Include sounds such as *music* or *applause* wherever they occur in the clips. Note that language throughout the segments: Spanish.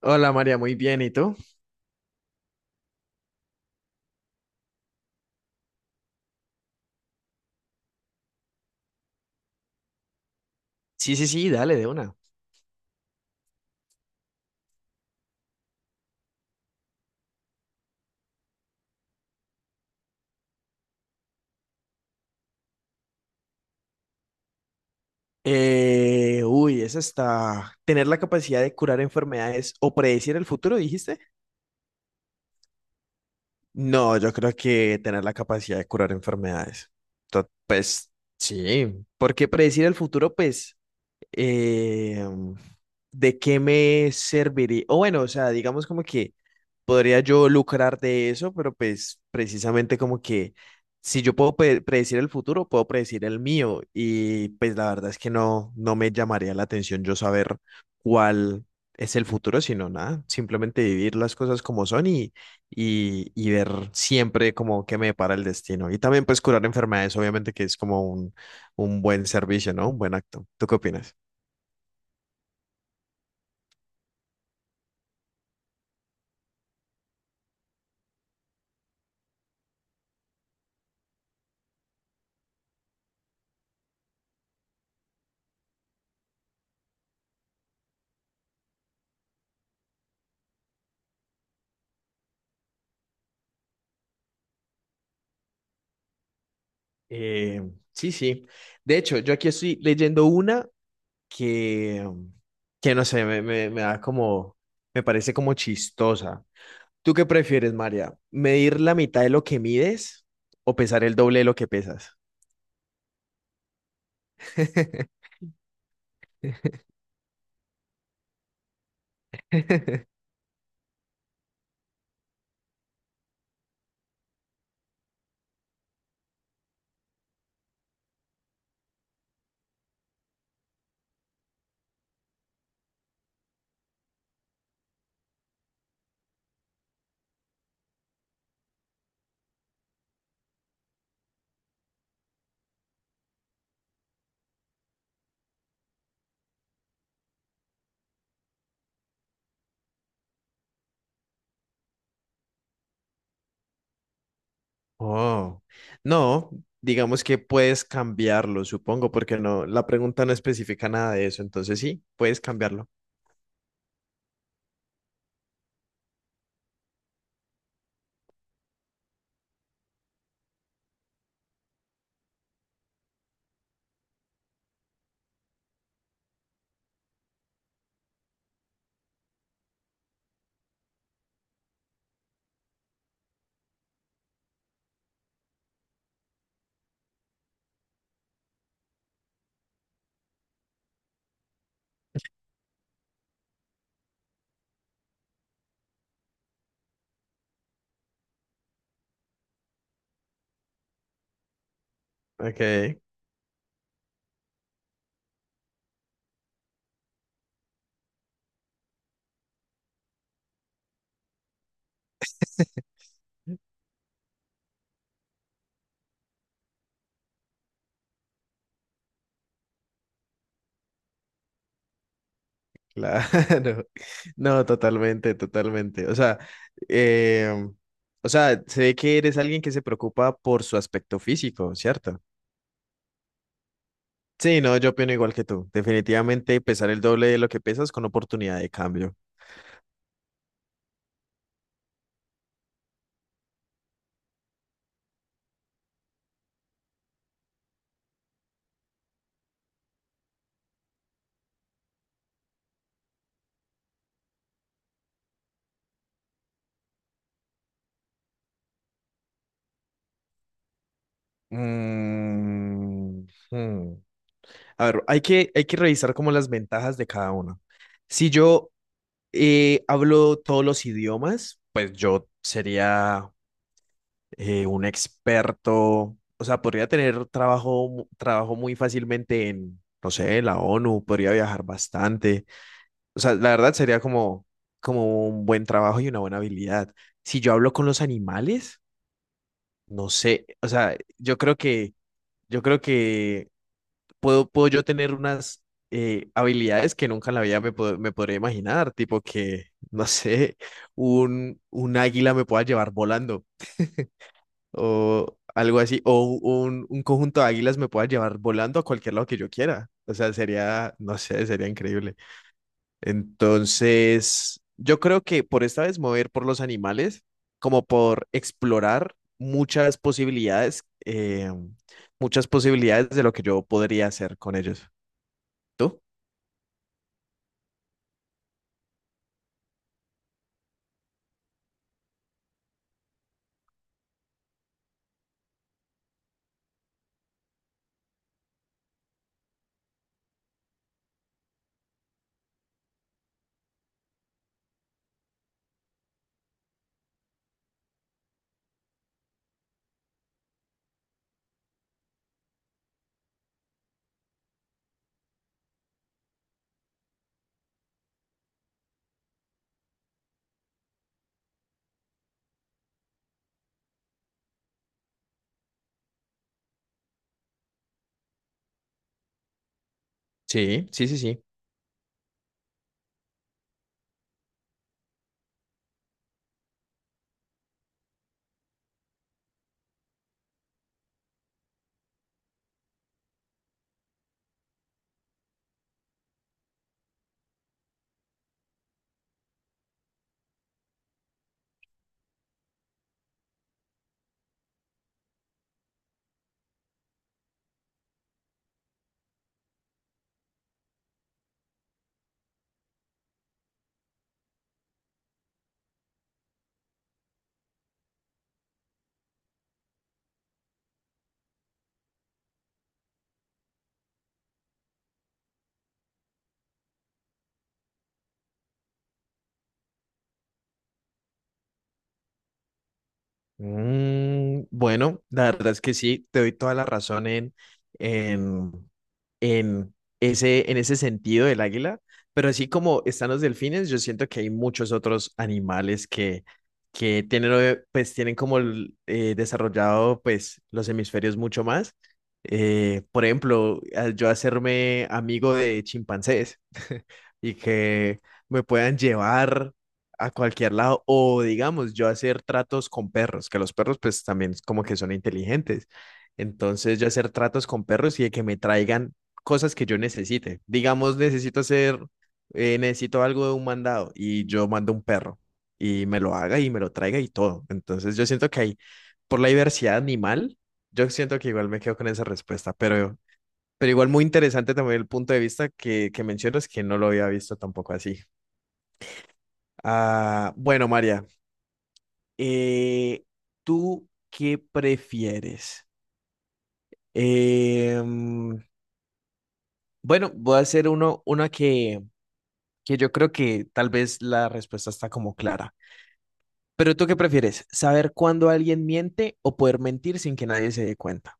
Hola María, muy bien. ¿Y tú? Sí, sí, sí, dale de una. Uy, esa está. ¿Tener la capacidad de curar enfermedades o predecir el futuro, dijiste? No, yo creo que tener la capacidad de curar enfermedades. Pues sí, porque predecir el futuro, pues, eh, ¿de qué me serviría? O bueno, o sea, digamos como que podría yo lucrar de eso, pero pues precisamente como que si yo puedo predecir el futuro, puedo predecir el mío y pues la verdad es que no, no me llamaría la atención yo saber cuál es el futuro, sino nada, simplemente vivir las cosas como son y ver siempre como qué me depara el destino. Y también pues curar enfermedades, obviamente que es como un buen servicio, ¿no? Un buen acto. ¿Tú qué opinas? Eh, sí, sí. De hecho, yo aquí estoy leyendo una que, que no sé, me da me parece como chistosa. ¿Tú qué prefieres, María? ¿Medir la mitad de lo que mides o pesar el doble de lo que pesas? *laughs* Oh, no, digamos que puedes cambiarlo, supongo, porque no, la pregunta no especifica nada de eso, entonces sí, puedes cambiarlo. Ok, claro. *laughs* No, totalmente, totalmente. Eh, o sea, se ve que eres alguien que se preocupa por su aspecto físico, ¿cierto? Sí, no, yo opino igual que tú. Definitivamente pesar el doble de lo que pesas con oportunidad de cambio. Mm, hmm. A ver, hay que revisar como las ventajas de cada uno. Si yo hablo todos los idiomas, pues yo sería un experto, o sea, podría tener trabajo, trabajo muy fácilmente en, no sé, la ONU, podría viajar bastante. O sea, la verdad sería como, como un buen trabajo y una buena habilidad. Si yo hablo con los animales, no sé. O sea, yo creo que puedo yo tener unas habilidades que nunca en la vida me, me podría imaginar. Tipo que, no sé, un águila me pueda llevar volando o algo así. O un conjunto de águilas me pueda llevar volando a cualquier lado que yo quiera. O sea, sería, no sé, sería increíble. Entonces, yo creo que por esta vez mover por los animales, como por explorar muchas posibilidades de lo que yo podría hacer con ellos. ¿Tú? Sí, sí, sí, sí. Mm, bueno, la verdad es que sí, te doy toda la razón en en en ese sentido del águila, pero así como están los delfines, yo siento que hay muchos otros animales que tienen, pues, tienen como el, desarrollado pues, los hemisferios mucho más. Por ejemplo, al yo hacerme amigo de chimpancés *laughs* y que me puedan llevar a cualquier lado, o digamos, yo hacer tratos con perros, que los perros pues también es como que son inteligentes. Entonces yo hacer tratos con perros y de que me traigan cosas que yo necesite. Digamos, necesito hacer, necesito algo de un mandado y yo mando un perro y me lo haga y me lo traiga y todo. Entonces yo siento que hay, por la diversidad animal, yo siento que igual me quedo con esa respuesta, pero igual muy interesante también el punto de vista que mencionas que no lo había visto tampoco así. Ah, bueno, María, eh, ¿tú qué prefieres? Eh, bueno, voy a hacer una que yo creo que tal vez la respuesta está como clara. Pero ¿tú qué prefieres? ¿Saber cuándo alguien miente o poder mentir sin que nadie se dé cuenta?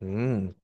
Mm,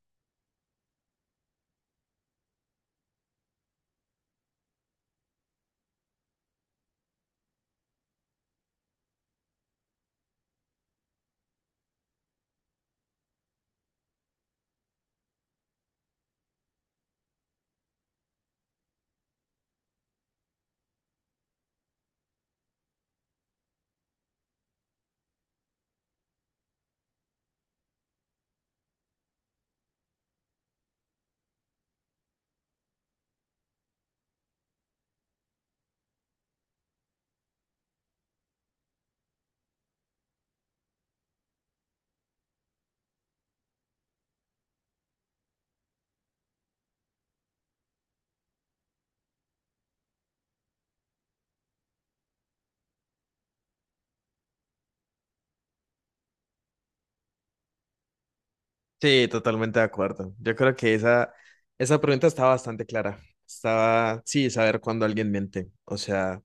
sí, totalmente de acuerdo. Yo creo que esa pregunta estaba bastante clara. Estaba, sí, saber cuándo alguien miente. O sea,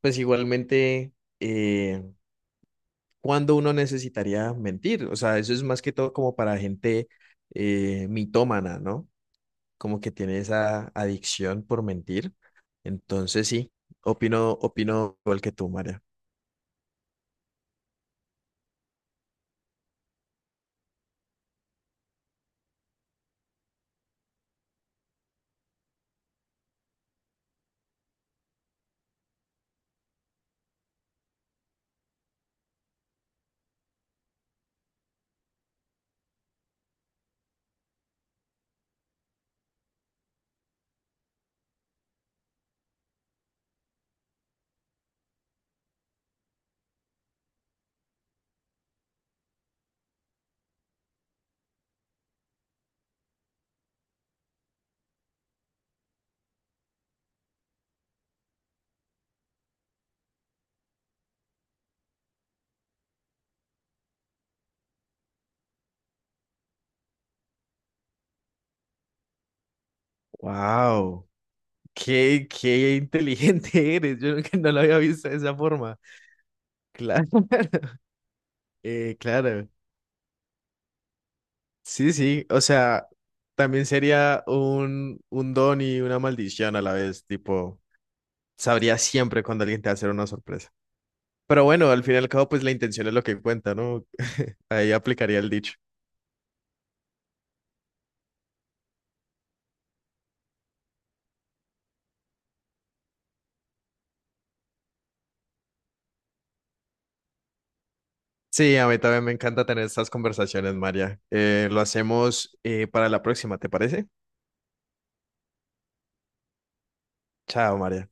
pues igualmente, eh, ¿cuándo uno necesitaría mentir? O sea, eso es más que todo como para gente mitómana, ¿no? Como que tiene esa adicción por mentir. Entonces sí, opino igual que tú, María. Wow, qué inteligente *laughs* eres. Yo nunca no lo había visto de esa forma. Claro, claro. Sí, sí. O sea, también sería un don y una maldición a la vez. Tipo, sabría siempre cuando alguien te va a hacer una sorpresa. Pero bueno, al fin y al cabo, pues la intención es lo que cuenta, ¿no? Ahí aplicaría el dicho. Sí, a mí también me encanta tener estas conversaciones, María. Lo hacemos para la próxima, ¿te parece? Chao, María.